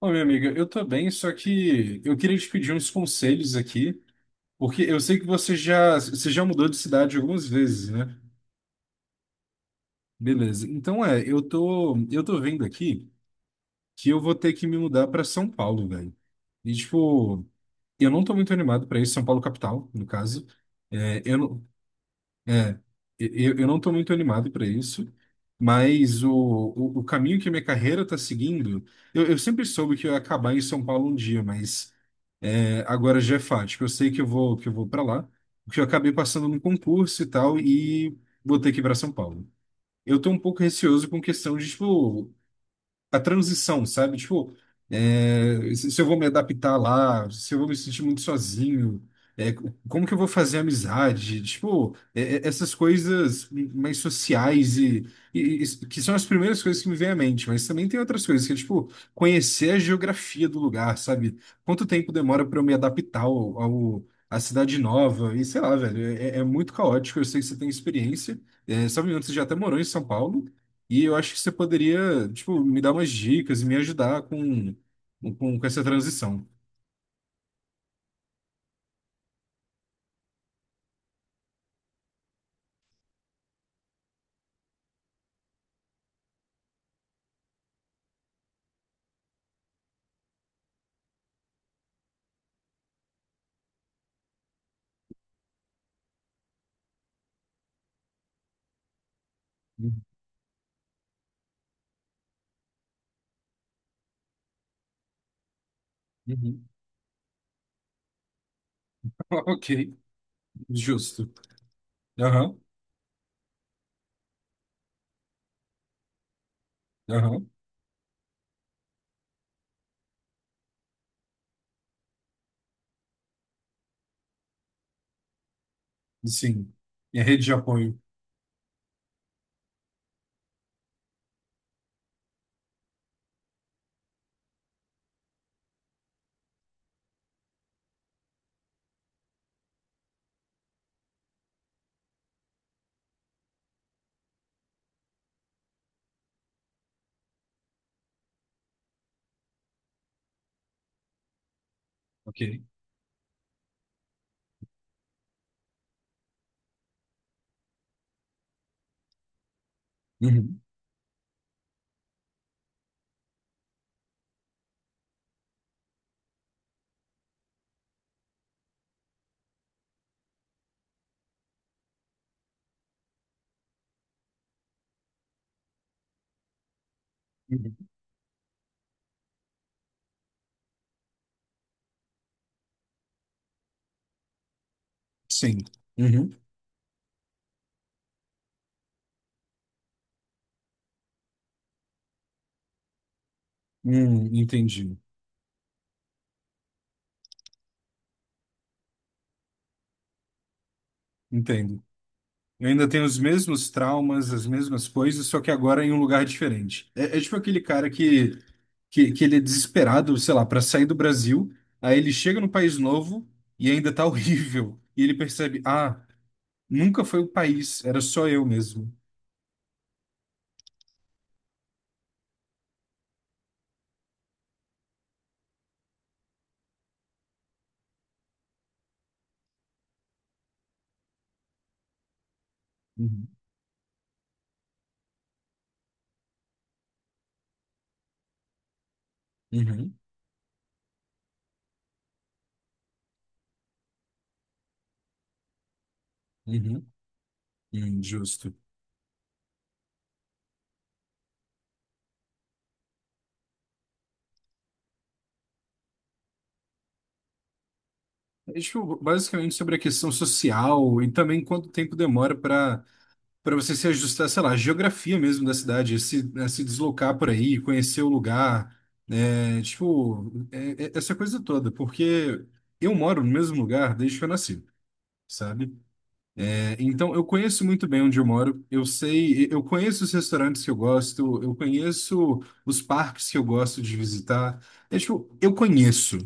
Ô, minha amiga, eu tô bem, só que eu queria te pedir uns conselhos aqui, porque eu sei que você já mudou de cidade algumas vezes, né? Beleza. Então eu tô vendo aqui que eu vou ter que me mudar pra São Paulo, velho. E tipo, eu não tô muito animado pra isso, São Paulo capital, no caso. É, eu não, é, eu não tô muito animado pra isso. Mas o caminho que minha carreira tá seguindo, eu sempre soube que eu ia acabar em São Paulo um dia, mas agora, Jefat, que eu sei que eu vou para lá, porque eu acabei passando num concurso e tal, e vou ter que ir para São Paulo. Eu tô um pouco receoso com questão de, tipo, a transição, sabe? Tipo, se eu vou me adaptar lá, se eu vou me sentir muito sozinho, como que eu vou fazer amizade? Tipo, essas coisas mais sociais e que são as primeiras coisas que me vêm à mente, mas também tem outras coisas que é, tipo, conhecer a geografia do lugar, sabe? Quanto tempo demora para eu me adaptar à cidade nova? E sei lá, velho, muito caótico. Eu sei que você tem experiência. Se eu não me engano, você já até morou em São Paulo. E eu acho que você poderia, tipo, me dar umas dicas e me ajudar com essa transição. Uhum. Ok, justo. Aham, aham, sim. Minha rede de apoio. Ok. Uhum. Uhum. Sim. Uhum. Entendi. Entendo. Eu ainda tenho os mesmos traumas, as mesmas coisas, só que agora em um lugar diferente. É, é tipo aquele cara que ele é desesperado, sei lá, para sair do Brasil, aí ele chega no país novo e ainda tá horrível. E ele percebe, ah, nunca foi o país, era só eu mesmo. Uhum, uhum, uhum, uhum, justo. É, tipo, basicamente sobre a questão social e também quanto tempo demora para você se ajustar, sei lá, à geografia mesmo da cidade, se, né, se deslocar por aí, conhecer o lugar, né, tipo, essa coisa toda, porque eu moro no mesmo lugar desde que eu nasci, sabe? Então, eu conheço muito bem onde eu moro. Eu sei, eu conheço os restaurantes que eu gosto, eu conheço os parques que eu gosto de visitar. É, tipo, eu conheço,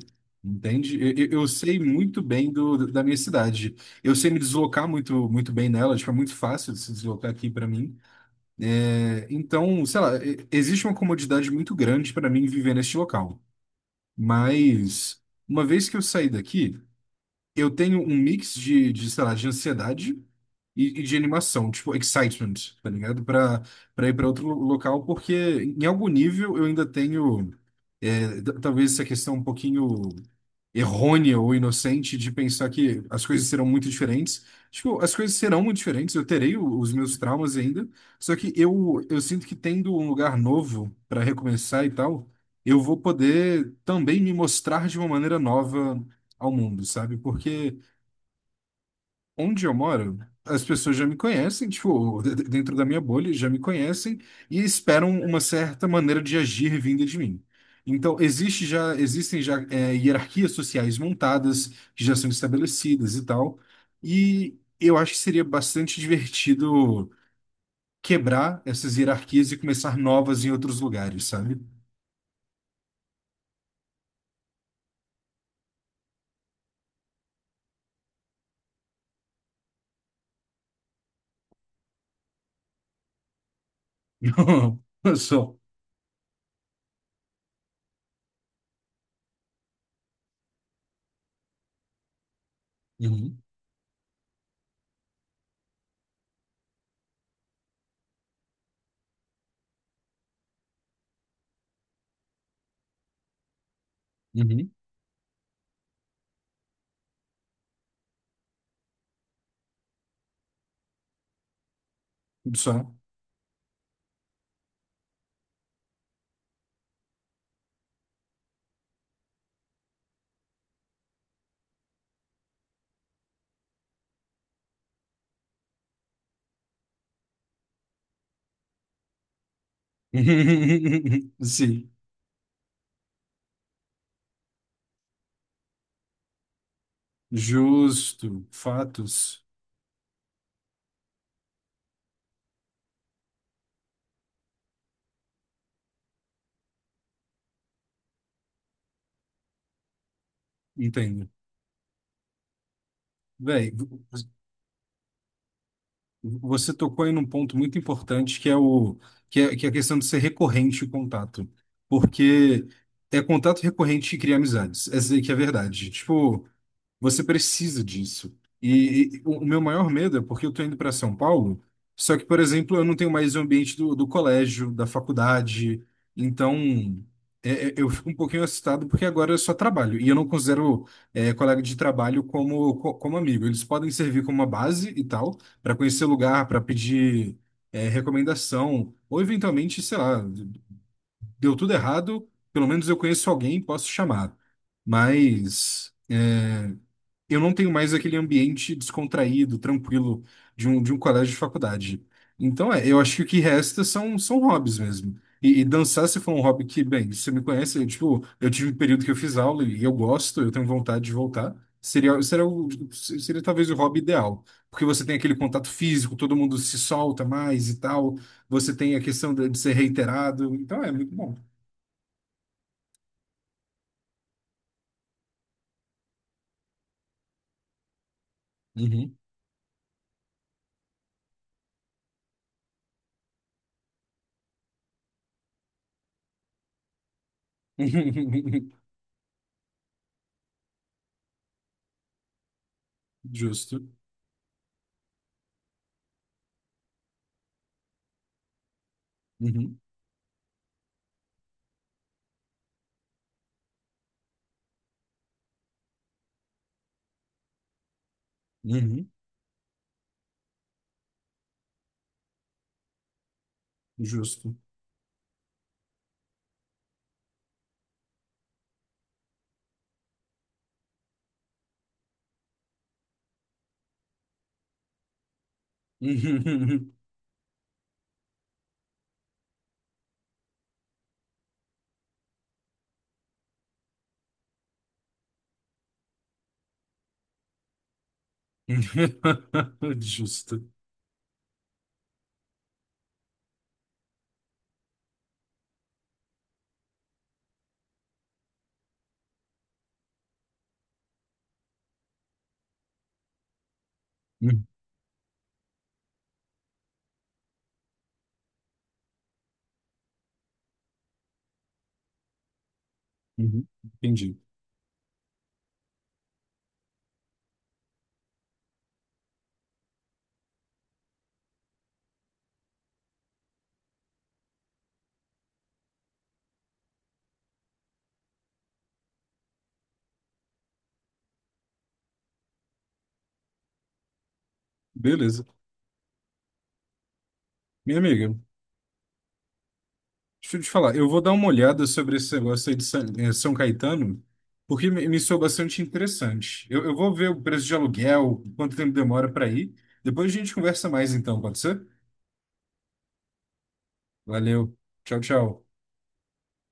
entende? Eu sei muito bem da minha cidade. Eu sei me deslocar muito, muito bem nela. Tipo, é muito fácil de se deslocar aqui para mim. É, então, sei lá, existe uma comodidade muito grande para mim viver neste local. Mas uma vez que eu saí daqui eu tenho um mix de sei lá, de ansiedade e de animação, tipo, excitement, tá ligado? Pra ir pra outro local, porque em algum nível eu ainda tenho, talvez essa questão um pouquinho errônea ou inocente de pensar que as coisas serão muito diferentes. Tipo, as coisas serão muito diferentes, eu terei os meus traumas ainda, só que eu sinto que tendo um lugar novo pra recomeçar e tal, eu vou poder também me mostrar de uma maneira nova ao mundo, sabe? Porque onde eu moro, as pessoas já me conhecem, tipo, dentro da minha bolha, já me conhecem e esperam uma certa maneira de agir vinda de mim. Então, existem já hierarquias sociais montadas, que já são estabelecidas e tal, e eu acho que seria bastante divertido quebrar essas hierarquias e começar novas em outros lugares, sabe? Só. Uhum, uhum. Só. Sim. Justo, fatos, entendo. Véi, você tocou aí num ponto muito importante que é a questão de ser recorrente o contato, porque é contato recorrente que cria amizades. Essa aí que é a verdade. Tipo, você precisa disso. E o meu maior medo é porque eu estou indo para São Paulo, só que, por exemplo, eu não tenho mais o ambiente do colégio, da faculdade. Então, eu fico um pouquinho assustado porque agora eu só trabalho. E eu não considero, colega de trabalho como amigo. Eles podem servir como uma base e tal, para conhecer lugar, para pedir, recomendação. Ou, eventualmente, sei lá, deu tudo errado, pelo menos eu conheço alguém, posso chamar. Mas, eu não tenho mais aquele ambiente descontraído, tranquilo de um colégio de faculdade. Então, eu acho que o que resta são hobbies mesmo. E dançar, se for um hobby que, bem, você me conhece, eu, tipo, eu tive um período que eu fiz aula e eu gosto, eu tenho vontade de voltar. Seria talvez o hobby ideal, porque você tem aquele contato físico, todo mundo se solta mais e tal, você tem a questão de ser reiterado, então é muito bom. Uhum. Justo. Uhum. Uhum. Justo. Justo. Hum, uhum, entendi. Beleza. Minha amiga, deixa eu te falar, eu vou dar uma olhada sobre esse negócio aí de São, São Caetano, porque me soou bastante interessante. Eu vou ver o preço de aluguel, quanto tempo demora para ir. Depois a gente conversa mais então, pode ser? Valeu. Tchau, tchau.